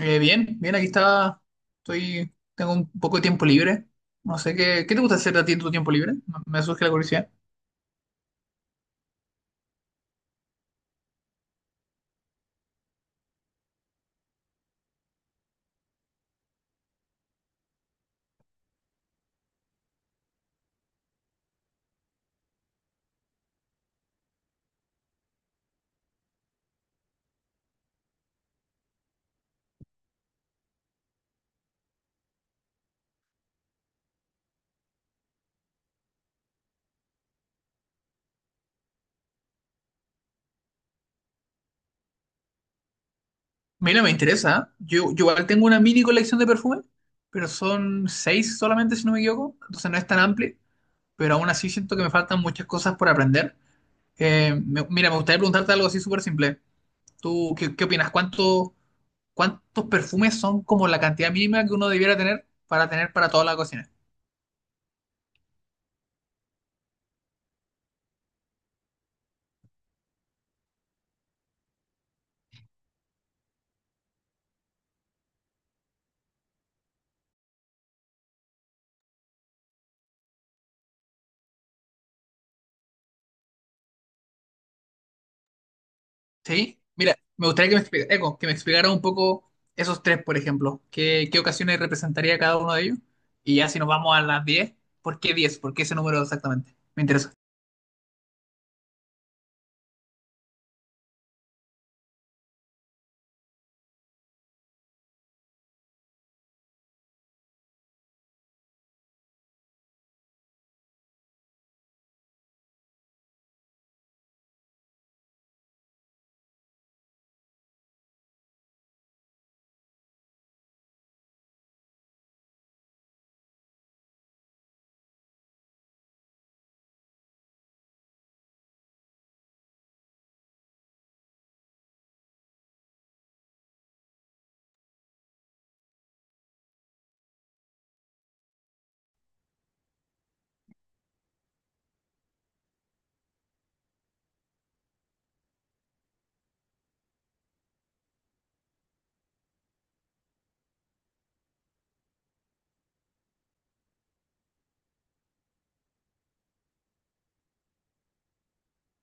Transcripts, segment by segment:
Bien, bien, aquí está. Tengo un poco de tiempo libre. No sé qué, ¿Qué te gusta hacer a ti en tu tiempo libre? No, me surge la curiosidad. Mira, me interesa. ¿Eh? Yo igual tengo una mini colección de perfumes, pero son seis solamente, si no me equivoco. Entonces no es tan amplio, pero aún así siento que me faltan muchas cosas por aprender. Mira, me gustaría preguntarte algo así súper simple. ¿Tú qué opinas? ¿Cuántos perfumes son como la cantidad mínima que uno debiera tener para tener para toda la cocina? Sí, mira, me gustaría que me explicara un poco esos tres, por ejemplo. ¿Qué ocasiones representaría cada uno de ellos? Y ya si nos vamos a las 10, ¿por qué 10? ¿Por qué ese número exactamente? Me interesa.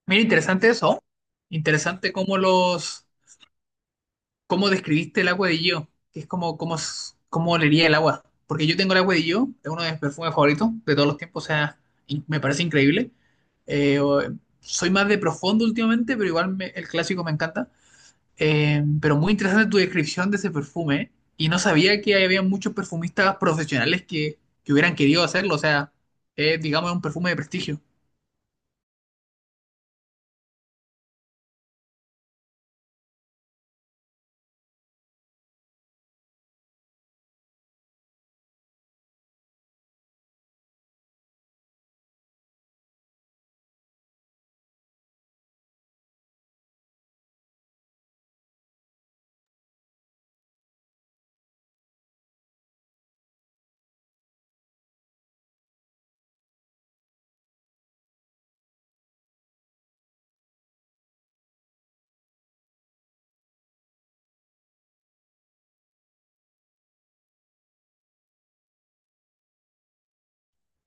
Mira, interesante eso. Interesante cómo cómo describiste el agua de Gio, que es cómo olería el agua. Porque yo tengo el agua de Gio, es uno de mis perfumes favoritos de todos los tiempos, o sea, me parece increíble. Eh, o- Soy más de profundo últimamente, pero igual el clásico me encanta. Pero muy interesante tu descripción de ese perfume. Y no sabía que había muchos perfumistas profesionales que hubieran querido hacerlo. O sea, es, digamos, un perfume de prestigio.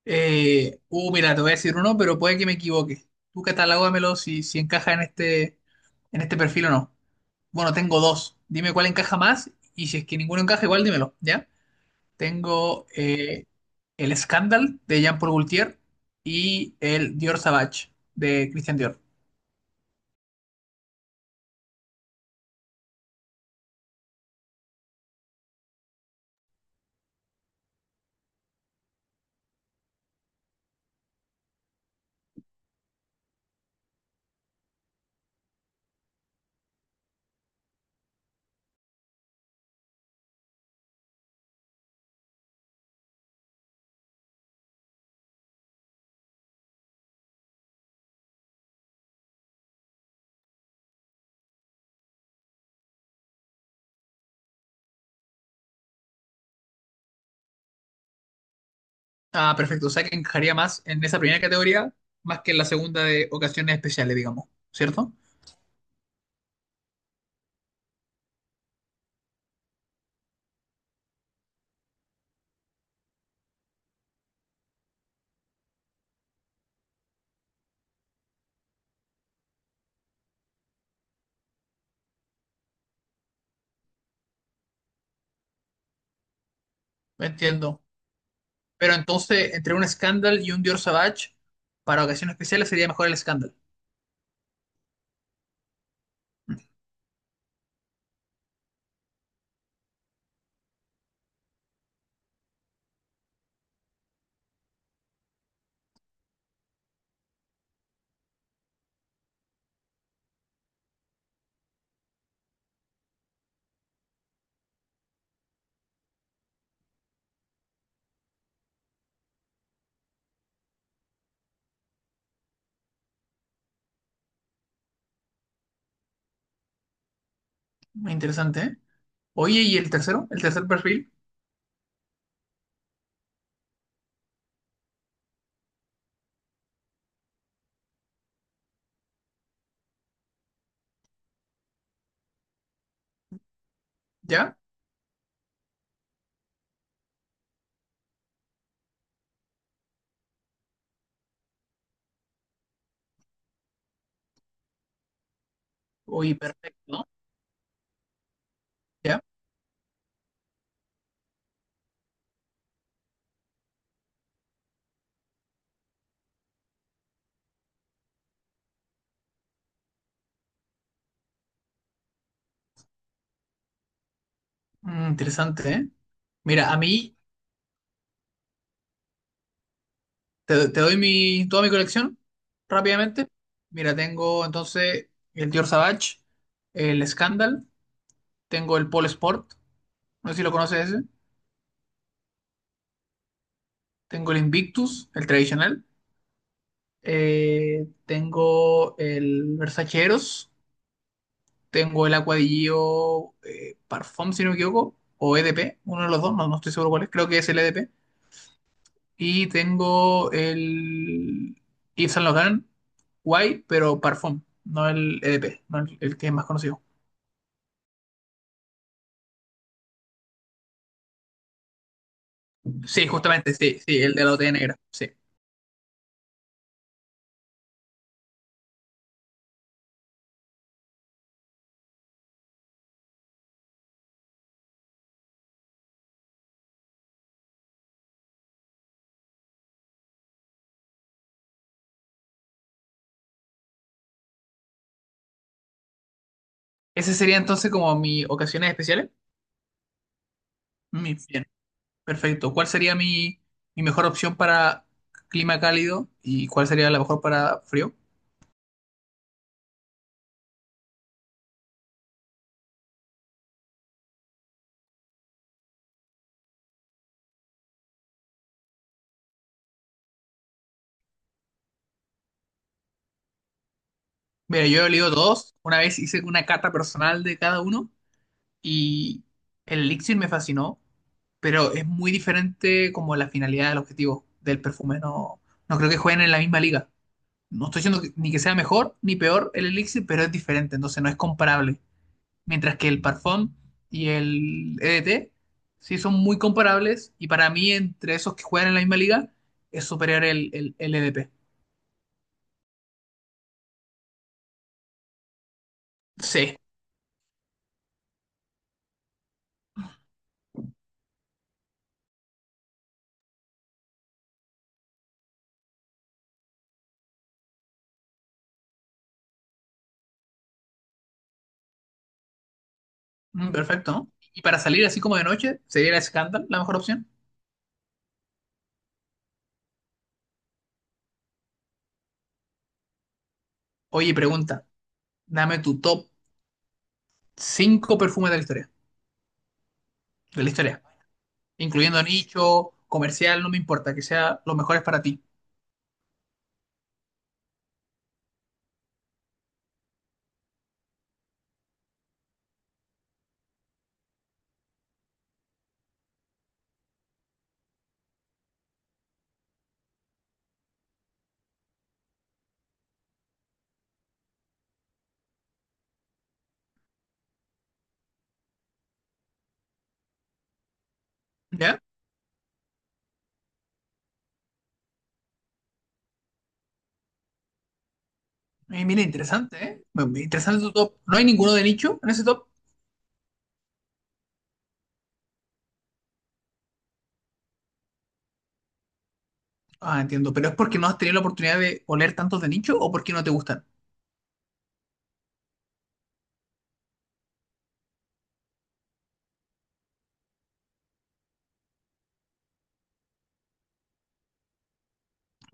Mira, te voy a decir uno, pero puede que me equivoque. Tú catalógamelo si encaja en este perfil o no. Bueno, tengo dos. Dime cuál encaja más y si es que ninguno encaja, igual dímelo, ¿ya? Tengo el Scandal de Jean-Paul Gaultier y el Dior Sauvage de Christian Dior. Ah, perfecto. O sea que encajaría más en esa primera categoría, más que en la segunda de ocasiones especiales, digamos, ¿cierto? Entiendo. Pero entonces, entre un Scandal y un Dior Savage, para ocasiones especiales sería mejor el Scandal. Interesante, ¿eh? Oye, ¿y el tercero? ¿El tercer perfil? ¿Ya? Oye, perfecto. ¿Ya? Mm, interesante, ¿eh? Mira, a mí, te doy toda mi colección rápidamente. Mira, tengo entonces el Dior Savage, el Scandal, tengo el Paul Sport, no sé si lo conoces ese. Tengo el Invictus, el tradicional. Tengo el Versace Eros. Tengo el Aqua di Gio, Parfum, si no me equivoco. O EDP, uno de los dos, no estoy seguro cuál es. Creo que es el EDP. Y tengo el Yves Saint Laurent White, pero Parfum, no el EDP, no el que es más conocido. Sí, justamente, sí, sí, el de la botella negra. Sí. Ese sería entonces como mis ocasiones especiales. Mis Perfecto. ¿Cuál sería mi mejor opción para clima cálido y cuál sería la mejor para frío? Mira, yo he olido dos. Una vez hice una cata personal de cada uno y el elixir me fascinó, pero es muy diferente como la finalidad, el objetivo del perfume. No, no creo que jueguen en la misma liga. No estoy diciendo ni que sea mejor ni peor el elixir, pero es diferente, entonces no es comparable. Mientras que el Parfum y el EDT sí son muy comparables y para mí entre esos que juegan en la misma liga es superior el EDP. Sí, mm, perfecto, ¿no? Y para salir así como de noche, ¿sería el Scandal la mejor opción? Oye, pregunta, dame tu top 5 perfumes de la historia, de la historia, incluyendo nicho, comercial, no me importa, que sea los mejores para ti. ¿Ya? Mira, interesante, ¿eh? Interesante tu top. ¿No hay ninguno de nicho en ese top? Ah, entiendo. ¿Pero es porque no has tenido la oportunidad de oler tantos de nicho o porque no te gustan?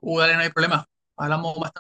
Dale, no hay problema. Hablamos más